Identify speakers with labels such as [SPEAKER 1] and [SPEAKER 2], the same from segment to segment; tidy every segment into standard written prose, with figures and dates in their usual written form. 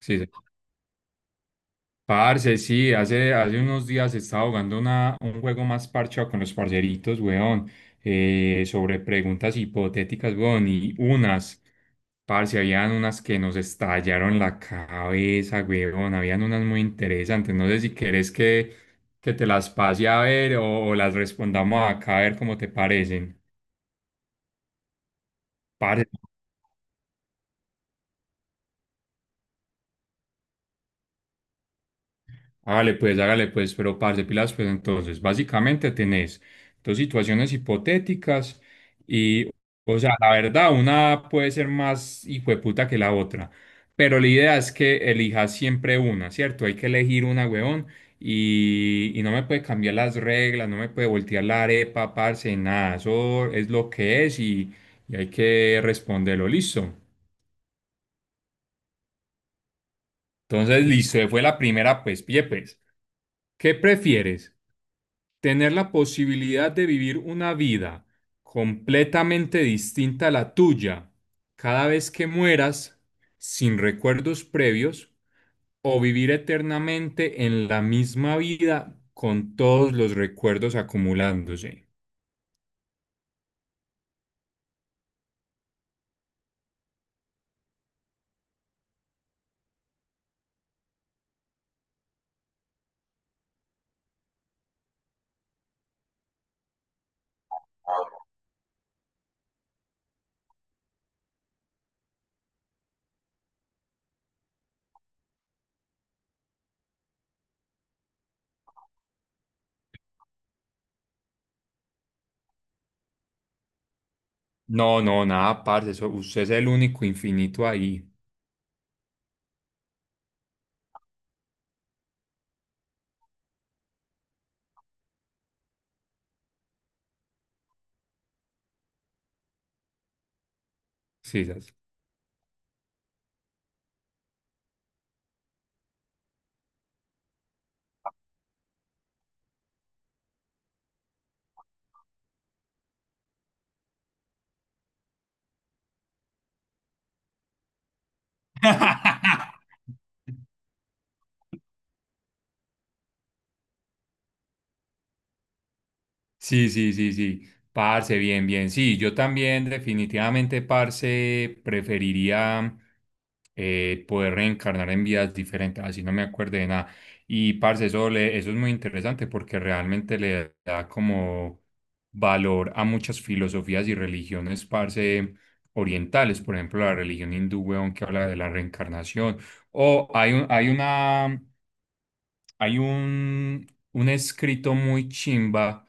[SPEAKER 1] Sí, sí. Parce, sí, hace unos días estaba jugando un juego más parchado con los parceritos, weón, sobre preguntas hipotéticas, weón, parce, habían unas que nos estallaron la cabeza, weón, habían unas muy interesantes, no sé si querés que te las pase a ver o las respondamos acá a ver cómo te parecen. Parce, hágale pues, hágale pues, pero parce, pilas pues entonces, básicamente tenés dos situaciones hipotéticas y, o sea, la verdad, una puede ser más hijueputa que la otra, pero la idea es que elijas siempre una, ¿cierto? Hay que elegir una, huevón, y no me puede cambiar las reglas, no me puede voltear la arepa, parce, nada, eso es lo que es y hay que responderlo, listo. Entonces, listo, fue la primera, pues, pille pues, ¿qué prefieres? Tener la posibilidad de vivir una vida completamente distinta a la tuya cada vez que mueras sin recuerdos previos o vivir eternamente en la misma vida con todos los recuerdos acumulándose. No, no, nada, parce, eso, usted es el único infinito ahí. Sí, sas. Sí, sí, sí, sí. Parce, bien, bien. Sí, yo también definitivamente, parce, preferiría poder reencarnar en vidas diferentes, así no me acuerdo de nada. Y, parce, eso, le- eso es muy interesante porque realmente le da como valor a muchas filosofías y religiones, parce, orientales. Por ejemplo, la religión hindú, weón, que habla de la reencarnación. O hay una... Hay un escrito muy chimba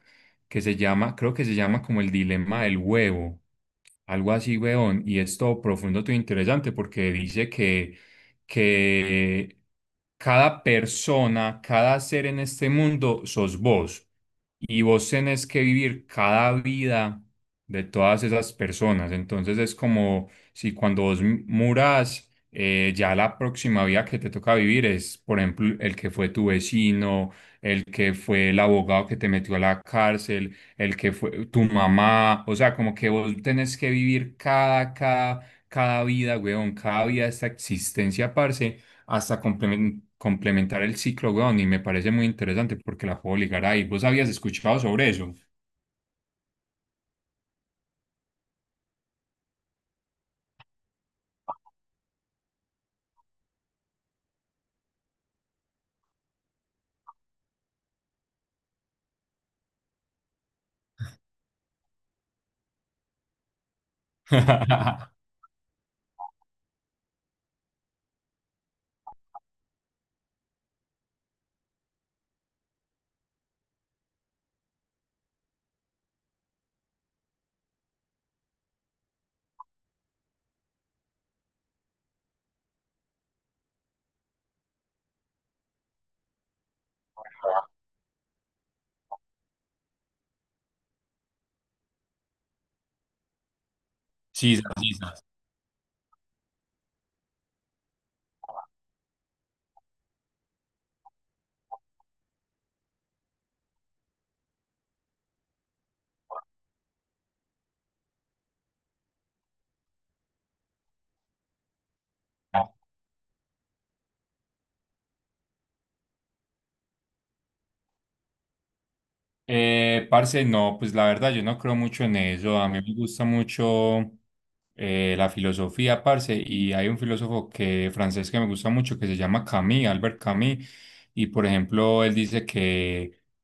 [SPEAKER 1] que se llama, creo que se llama como el dilema del huevo, algo así, weón, y es todo profundo, todo interesante porque dice que cada persona, cada ser en este mundo sos vos y vos tenés que vivir cada vida de todas esas personas. Entonces es como si cuando vos murás ya la próxima vida que te toca vivir es, por ejemplo, el que fue tu vecino, el que fue el abogado que te metió a la cárcel, el que fue tu mamá, o sea, como que vos tenés que vivir cada vida, weón, cada vida de esta existencia, parce, hasta complementar el ciclo, weón, y me parece muy interesante porque la puedo ligar ahí. ¿Vos habías escuchado sobre eso? Sí, sí, eh, parce, no, pues la verdad yo no creo mucho en eso. A mí no me gusta mucho la filosofía, parce, y hay un filósofo francés que me gusta mucho que se llama Camus, Albert Camus, y por ejemplo él dice que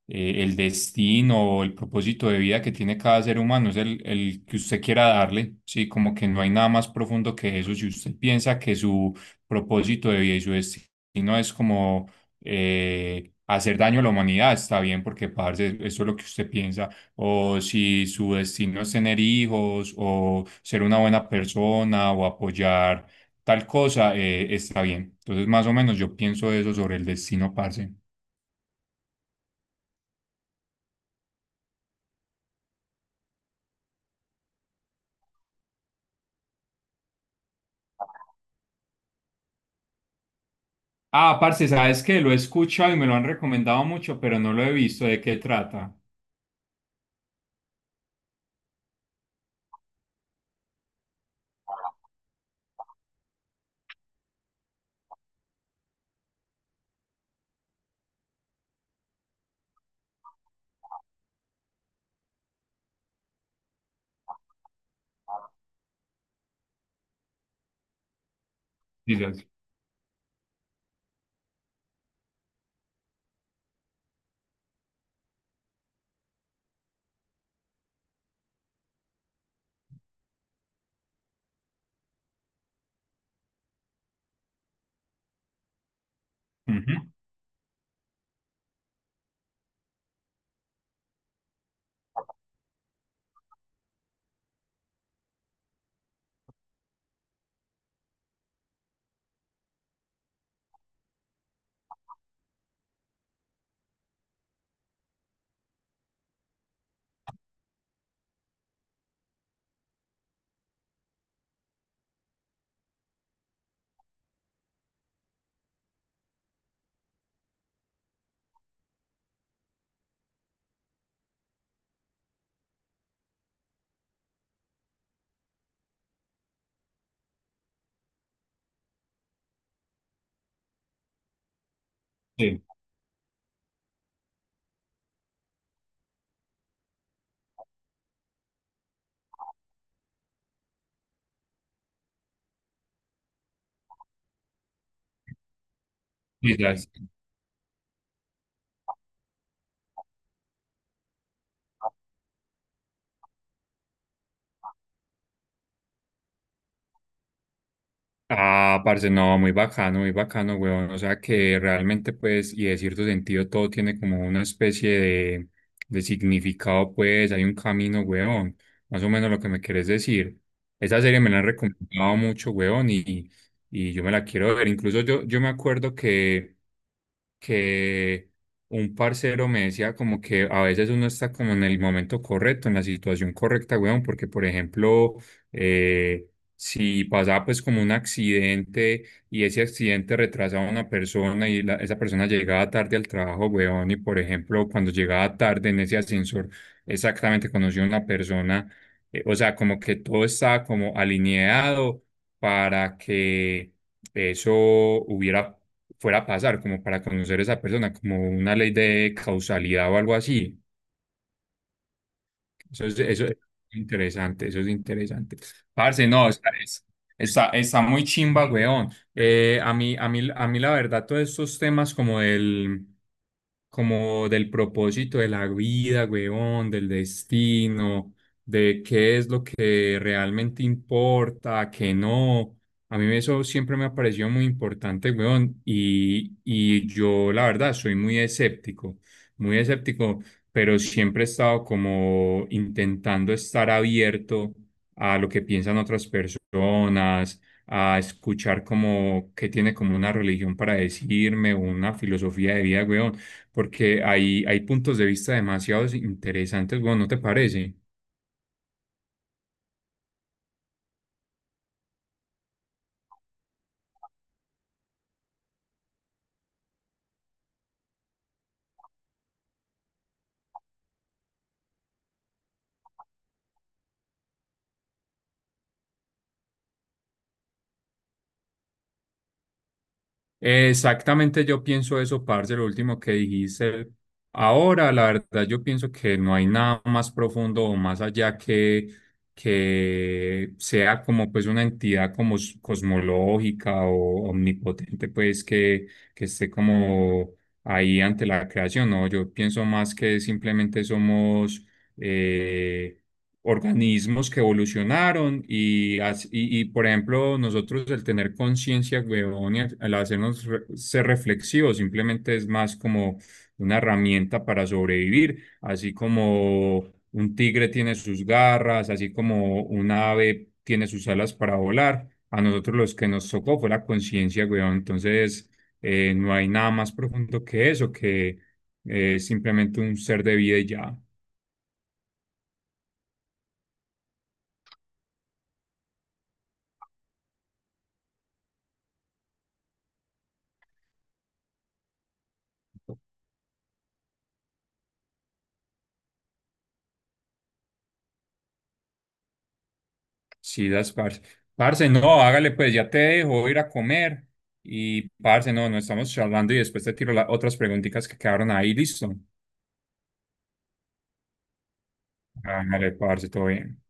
[SPEAKER 1] el destino o el propósito de vida que tiene cada ser humano es el que usted quiera darle, sí, como que no hay nada más profundo que eso. Si usted piensa que su propósito de vida y su destino es como hacer daño a la humanidad, está bien, porque parce, eso es lo que usted piensa. O si su destino es tener hijos, o ser una buena persona, o apoyar tal cosa, está bien. Entonces, más o menos, yo pienso eso sobre el destino, parce. Ah, parce, sabes que lo he escuchado y me lo han recomendado mucho, pero no lo he visto. ¿De qué trata? Quizás. Ujú, sí, quizás. Ah, parce, no, muy bacano, weón. O sea que realmente, pues, y de cierto sentido, todo tiene como una especie de significado, pues, hay un camino, weón. Más o menos lo que me querés decir. Esa serie me la han recomendado mucho, weón, y yo me la quiero ver. Incluso yo me acuerdo que un parcero me decía como que a veces uno está como en el momento correcto, en la situación correcta, weón, porque por ejemplo, eh, si pasaba pues como un accidente y ese accidente retrasaba a una persona y esa persona llegaba tarde al trabajo, weón, y por ejemplo, cuando llegaba tarde en ese ascensor, exactamente conoció a una persona, o sea, como que todo estaba como alineado para que eso hubiera fuera a pasar, como para conocer a esa persona, como una ley de causalidad o algo así. Eso es interesante, eso es interesante. Parce, no, está, está muy chimba, weón. A mí la verdad, todos estos temas como del propósito de la vida, weón, del destino, de qué es lo que realmente importa, qué no. A mí eso siempre me ha parecido muy importante, weón, y yo la verdad soy muy escéptico pero siempre he estado como intentando estar abierto a lo que piensan otras personas, a escuchar como qué tiene como una religión para decirme, o una filosofía de vida, weón, porque hay puntos de vista demasiado interesantes, weón, ¿no te parece? Exactamente, yo pienso eso, parce, lo último que dijiste. Ahora, la verdad, yo pienso que no hay nada más profundo o más allá que sea como pues una entidad como cosmológica o omnipotente, pues que esté como ahí ante la creación, ¿no? Yo pienso más que simplemente somos... eh, organismos que evolucionaron y, y, por ejemplo, nosotros el tener conciencia, huevón, y al hacernos ser reflexivos, simplemente es más como una herramienta para sobrevivir, así como un tigre tiene sus garras, así como un ave tiene sus alas para volar. A nosotros los que nos tocó fue la conciencia, huevón. Entonces, no hay nada más profundo que eso, que es simplemente un ser de vida y ya. Sí, das, parce. Parce, no, hágale pues, ya te dejo, voy a ir a comer. Y parce, no, no, estamos charlando y después te tiro las otras preguntitas que quedaron ahí, listo. Hágale, parce, todo bien.